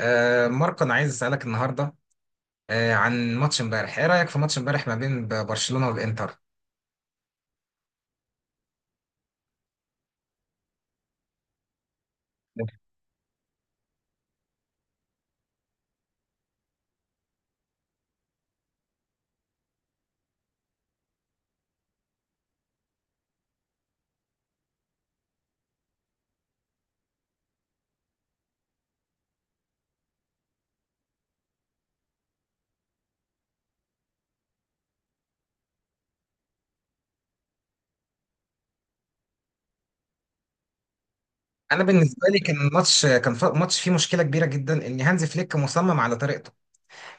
ماركو، انا عايز اسالك النهارده عن ماتش امبارح. ايه رايك في ماتش امبارح ما بين برشلونه والانتر؟ انا بالنسبه لي كان ماتش فيه مشكله كبيره جدا ان هانز فليك مصمم على طريقته.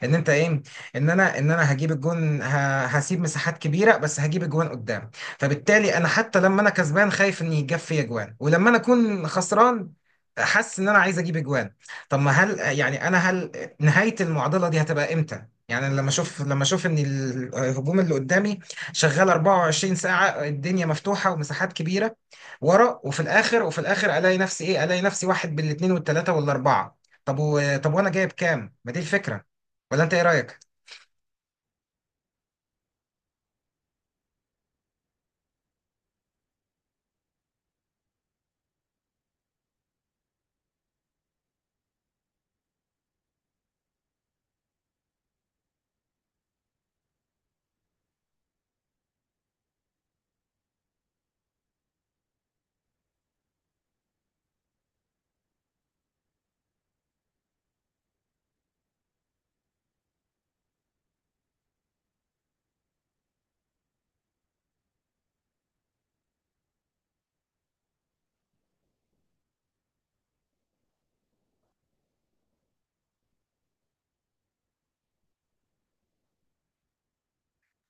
ان انت ايه، ان انا هجيب الجون، هسيب مساحات كبيره بس هجيب الجوان قدام. فبالتالي انا حتى لما انا كسبان خايف ان يجاب فيا جوان، ولما انا اكون خسران حاسس ان انا عايز اجيب اجوان. طب، ما هل يعني انا، هل نهايه المعضله دي هتبقى امتى؟ يعني لما اشوف ان الهجوم اللي قدامي شغال 24 ساعه، الدنيا مفتوحه ومساحات كبيره ورا، وفي الاخر الاقي نفسي ايه، الاقي نفسي واحد بالاثنين والثلاثه والاربعه. طب وانا جايب كام؟ ما دي الفكره، ولا انت ايه رايك؟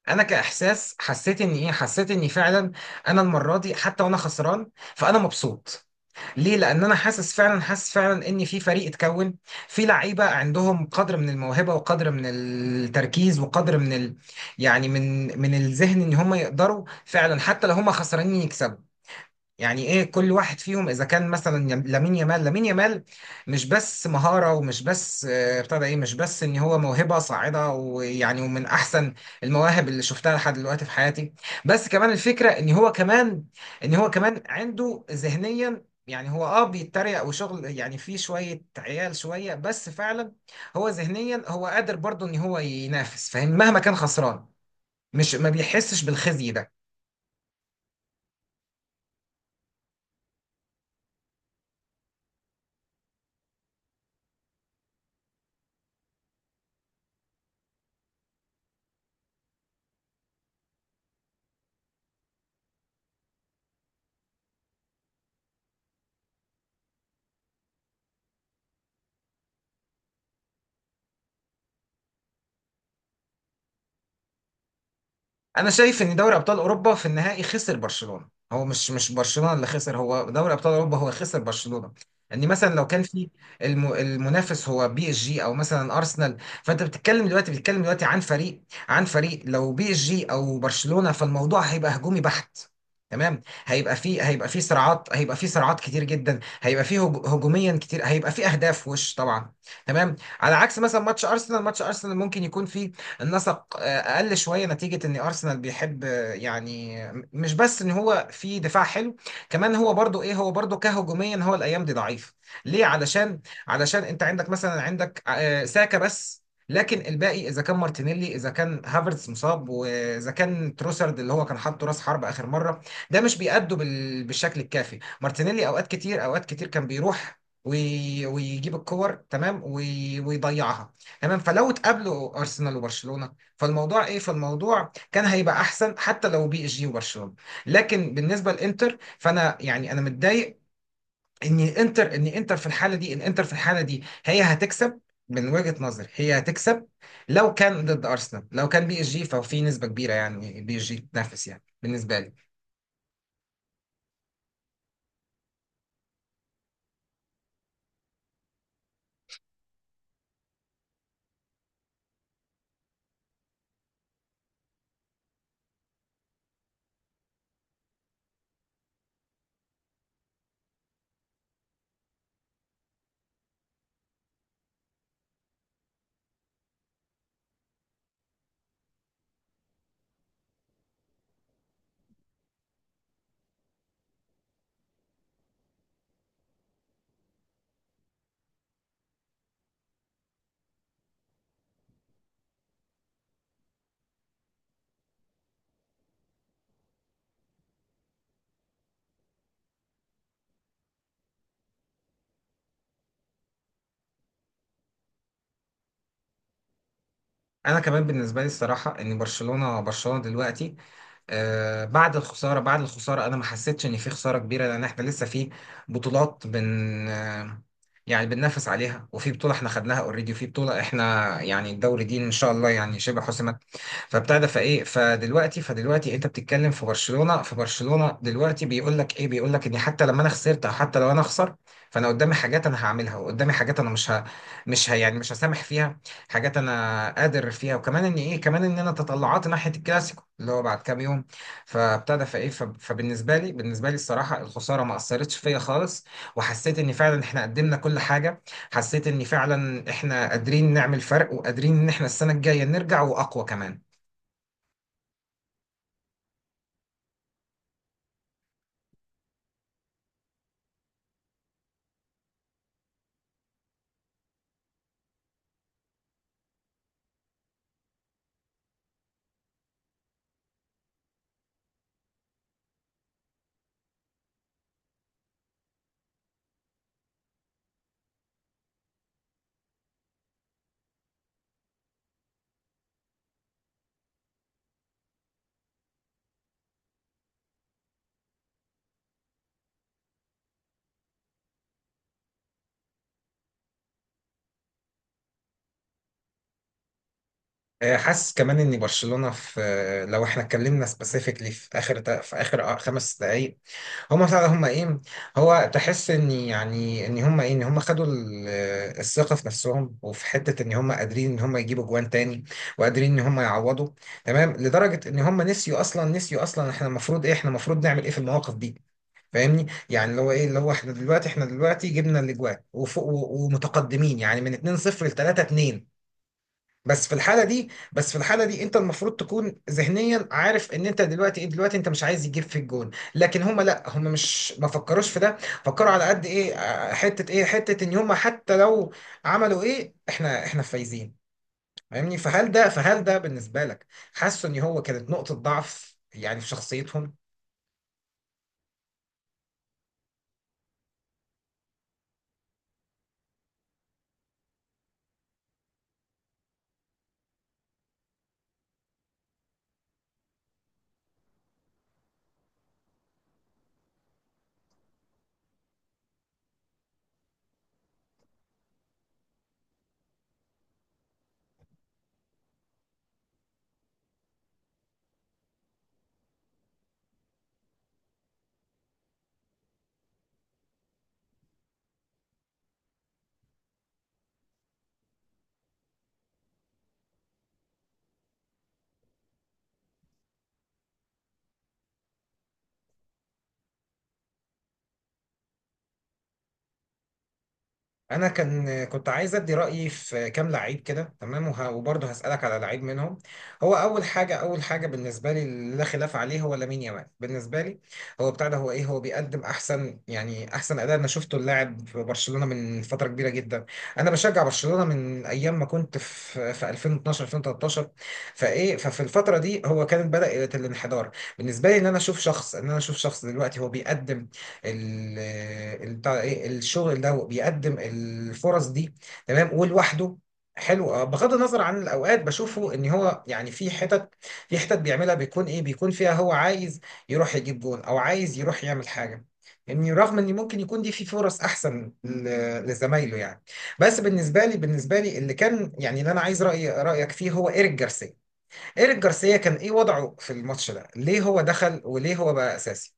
انا كاحساس حسيت ان حسيت اني فعلا، انا المره دي حتى وانا خسران فانا مبسوط. ليه؟ لان انا حاسس فعلا، ان في فريق اتكون، في لعيبه عندهم قدر من الموهبه، وقدر من التركيز، وقدر من يعني من الذهن ان هم يقدروا فعلا حتى لو هم خسرانين يكسبوا. يعني ايه، كل واحد فيهم اذا كان مثلا لامين يامال، مش بس مهارة، ومش بس ابتدى ايه، مش بس ان هو موهبة صاعدة، ويعني ومن احسن المواهب اللي شفتها لحد دلوقتي في حياتي. بس كمان الفكرة ان هو كمان، عنده ذهنيا، يعني هو بيتريق وشغل، يعني فيه شوية عيال شوية، بس فعلا هو ذهنيا هو قادر برضه ان هو ينافس، فاهم؟ مهما كان خسران مش ما بيحسش بالخزي ده. انا شايف ان دوري ابطال اوروبا في النهائي خسر برشلونه. هو مش برشلونه اللي خسر، هو دوري ابطال اوروبا هو خسر برشلونه. ان مثلا لو كان في المنافس هو بي اس جي او مثلا ارسنال، فانت بتتكلم دلوقتي، عن فريق، عن فريق، لو بي اس جي او برشلونه، فالموضوع هيبقى هجومي بحت، تمام. هيبقى فيه، صراعات كتير جدا، هيبقى فيه هجوميا كتير، هيبقى فيه اهداف وش طبعا. تمام، على عكس مثلا ماتش ارسنال، ممكن يكون فيه النسق اقل شويه، نتيجه ان ارسنال بيحب يعني مش بس ان هو في دفاع حلو، كمان هو برضو ايه، هو برضو كهجوميا هو الايام دي ضعيف. ليه؟ علشان، علشان انت عندك مثلا، عندك ساكا بس، لكن الباقي اذا كان مارتينيلي، اذا كان هافرتز مصاب، واذا كان تروسرد اللي هو كان حاطه راس حرب اخر مره، ده مش بيأدوا بالشكل الكافي. مارتينيلي اوقات كتير، كان بيروح ويجيب الكور تمام ويضيعها. تمام، فلو اتقابلوا ارسنال وبرشلونه فالموضوع ايه، كان هيبقى احسن حتى لو بي اس جي وبرشلونه. لكن بالنسبه للانتر، فانا يعني انا متضايق ان انتر، في الحاله دي، الانتر في الحاله دي هي هتكسب، من وجهه نظري هي هتكسب. لو كان ضد ارسنال، لو كان بي اس جي، ففي نسبه كبيره يعني بي اس جي تنافس، يعني بالنسبه لي. انا كمان بالنسبه لي الصراحه، ان برشلونه دلوقتي بعد الخسارة، أنا ما حسيتش إن في خسارة كبيرة، لأن إحنا لسه في بطولات، بن آه، يعني بننافس عليها، وفي بطولة إحنا خدناها أوريدي، وفي بطولة إحنا يعني الدوري دي إن شاء الله يعني شبه حسم. فبتاع ده فايه فدلوقتي، انت بتتكلم في برشلونه، دلوقتي بيقول لك ايه، بيقول لك ان حتى لما انا خسرت، او حتى لو انا اخسر، فانا قدامي حاجات انا هعملها، وقدامي حاجات انا مش ه... يعني مش هسامح فيها، حاجات انا قادر فيها. وكمان ان ايه، كمان ان انا تطلعات ناحيه الكلاسيكو اللي هو بعد كام يوم. فبالنسبه لي، بالنسبه لي الصراحه الخساره ما اثرتش فيا خالص، وحسيت ان فعلا احنا قدمنا كل حاجه، حسيت ان فعلا احنا قادرين نعمل فرق، وقادرين ان احنا السنه الجايه نرجع واقوى كمان. حاسس كمان ان برشلونه في، لو احنا اتكلمنا سبيسيفيكلي في اخر في اخر 5 دقائق، هم فعلا هم ايه، هو تحس ان يعني ان هم ايه، ان هم خدوا الثقه في نفسهم، وفي حته ان هم قادرين ان هم يجيبوا جوان تاني، وقادرين ان هم يعوضوا. تمام لدرجه ان هم نسيوا اصلا، احنا المفروض ايه، احنا المفروض نعمل ايه في المواقف دي. فاهمني؟ يعني اللي هو ايه، اللي هو احنا دلوقتي، جبنا الاجوان وفوق ومتقدمين، يعني من 2-0 ل 3-2. بس في الحاله دي، انت المفروض تكون ذهنيا عارف ان انت دلوقتي ايه، دلوقتي انت مش عايز يجيب في الجون، لكن هم لا، هم مش ما فكروش في ده، فكروا على قد ايه، حته ايه، حته ان هم حتى لو عملوا ايه احنا، فايزين. فاهمني؟ فهل ده، بالنسبه لك، حاسس ان هو كانت نقطه ضعف يعني في شخصيتهم؟ انا كان كنت عايز ادي رايي في كام لعيب كده، تمام، وبرضه هسالك على لعيب منهم. هو اول حاجه، بالنسبه لي اللي لا خلاف عليه هو لامين يامال. بالنسبه لي هو بتاع ده، هو ايه، هو بيقدم احسن، اداء. انا شفته اللاعب في برشلونه من فتره كبيره جدا، انا بشجع برشلونه من ايام ما كنت في 2012 2013. فايه، ففي الفتره دي هو كانت بدات الانحدار. بالنسبه لي ان انا اشوف شخص، دلوقتي هو بيقدم ال- بتاع ايه الشغل ده، بيقدم الفرص دي، تمام، ولوحده، حلو. بغض النظر عن الاوقات بشوفه ان هو يعني في حتت، بيعملها بيكون ايه، فيها هو عايز يروح يجيب جون، او عايز يروح يعمل حاجه، يعني رغم ان ممكن يكون دي في فرص احسن لزمايله يعني. بس بالنسبه لي، اللي كان يعني، اللي انا عايز رايك فيه هو ايريك جارسيا. ايريك جارسيا كان ايه وضعه في الماتش ده؟ ليه هو دخل، وليه هو بقى اساسي؟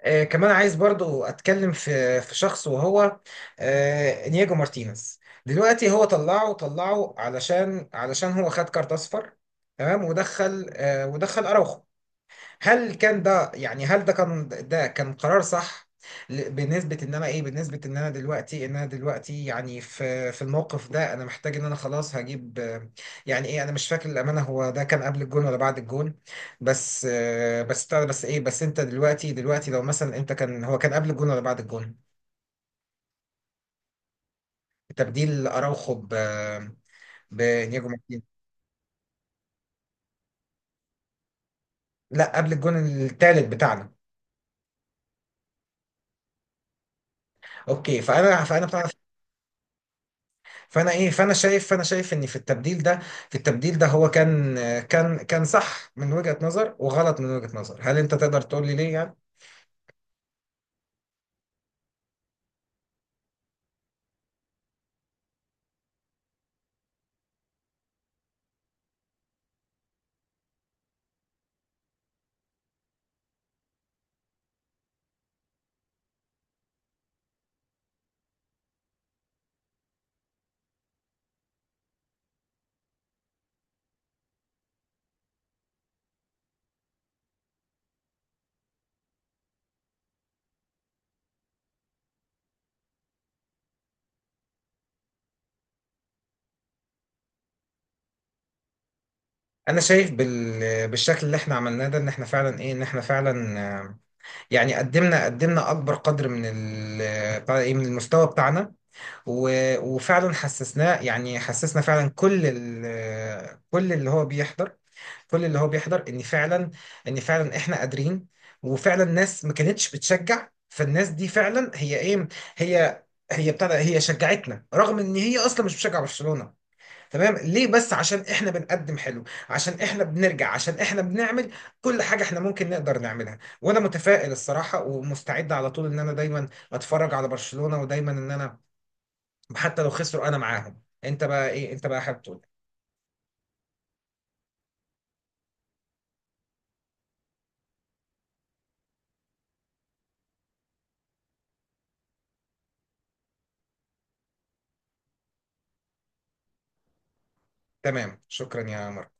كمان عايز برضو اتكلم في شخص وهو انياجو مارتينيز. دلوقتي هو طلعه، علشان، هو خد كارت اصفر، تمام. ودخل ودخل اراوخو. هل كان ده يعني، هل ده كان، ده كان قرار صح؟ بنسبة ان انا ايه، بنسبة ان انا دلوقتي، يعني في الموقف ده، انا محتاج ان انا خلاص هجيب يعني ايه، انا مش فاكر الامانة، هو ده كان قبل الجون ولا بعد الجون؟ بس بس بتاع ده، بس ايه، بس انت دلوقتي، لو مثلا انت كان، هو كان قبل الجون ولا بعد الجون؟ تبديل اراوخو بنياجو مارتينيز. لا، قبل الجون الثالث بتاعنا. اوكي، فانا فانا بتاع، فانا ايه، فانا شايف، ان في التبديل ده، هو كان، كان صح من وجهة نظر، وغلط من وجهة نظر، هل انت تقدر تقول لي ليه يعني؟ انا شايف بالشكل اللي احنا عملناه ده ان احنا فعلا ايه، ان احنا فعلا يعني قدمنا، اكبر قدر من ال... بتاع ايه من المستوى بتاعنا. و... وفعلا حسسناه، يعني حسسنا فعلا كل كل اللي هو بيحضر، ان فعلا، احنا قادرين. وفعلا الناس ما كانتش بتشجع، فالناس دي فعلا هي ايه، هي هي ابتدى، شجعتنا رغم ان هي اصلا مش بتشجع برشلونة. تمام، ليه بس؟ عشان احنا بنقدم حلو، عشان احنا بنرجع، عشان احنا بنعمل كل حاجة احنا ممكن نقدر نعملها. وانا متفائل الصراحة، ومستعد على طول ان انا دايما اتفرج على برشلونة، ودايما ان انا حتى لو خسروا انا معاهم. انت بقى ايه، انت بقى حابب تقول إيه؟ تمام، شكرا يا مروان.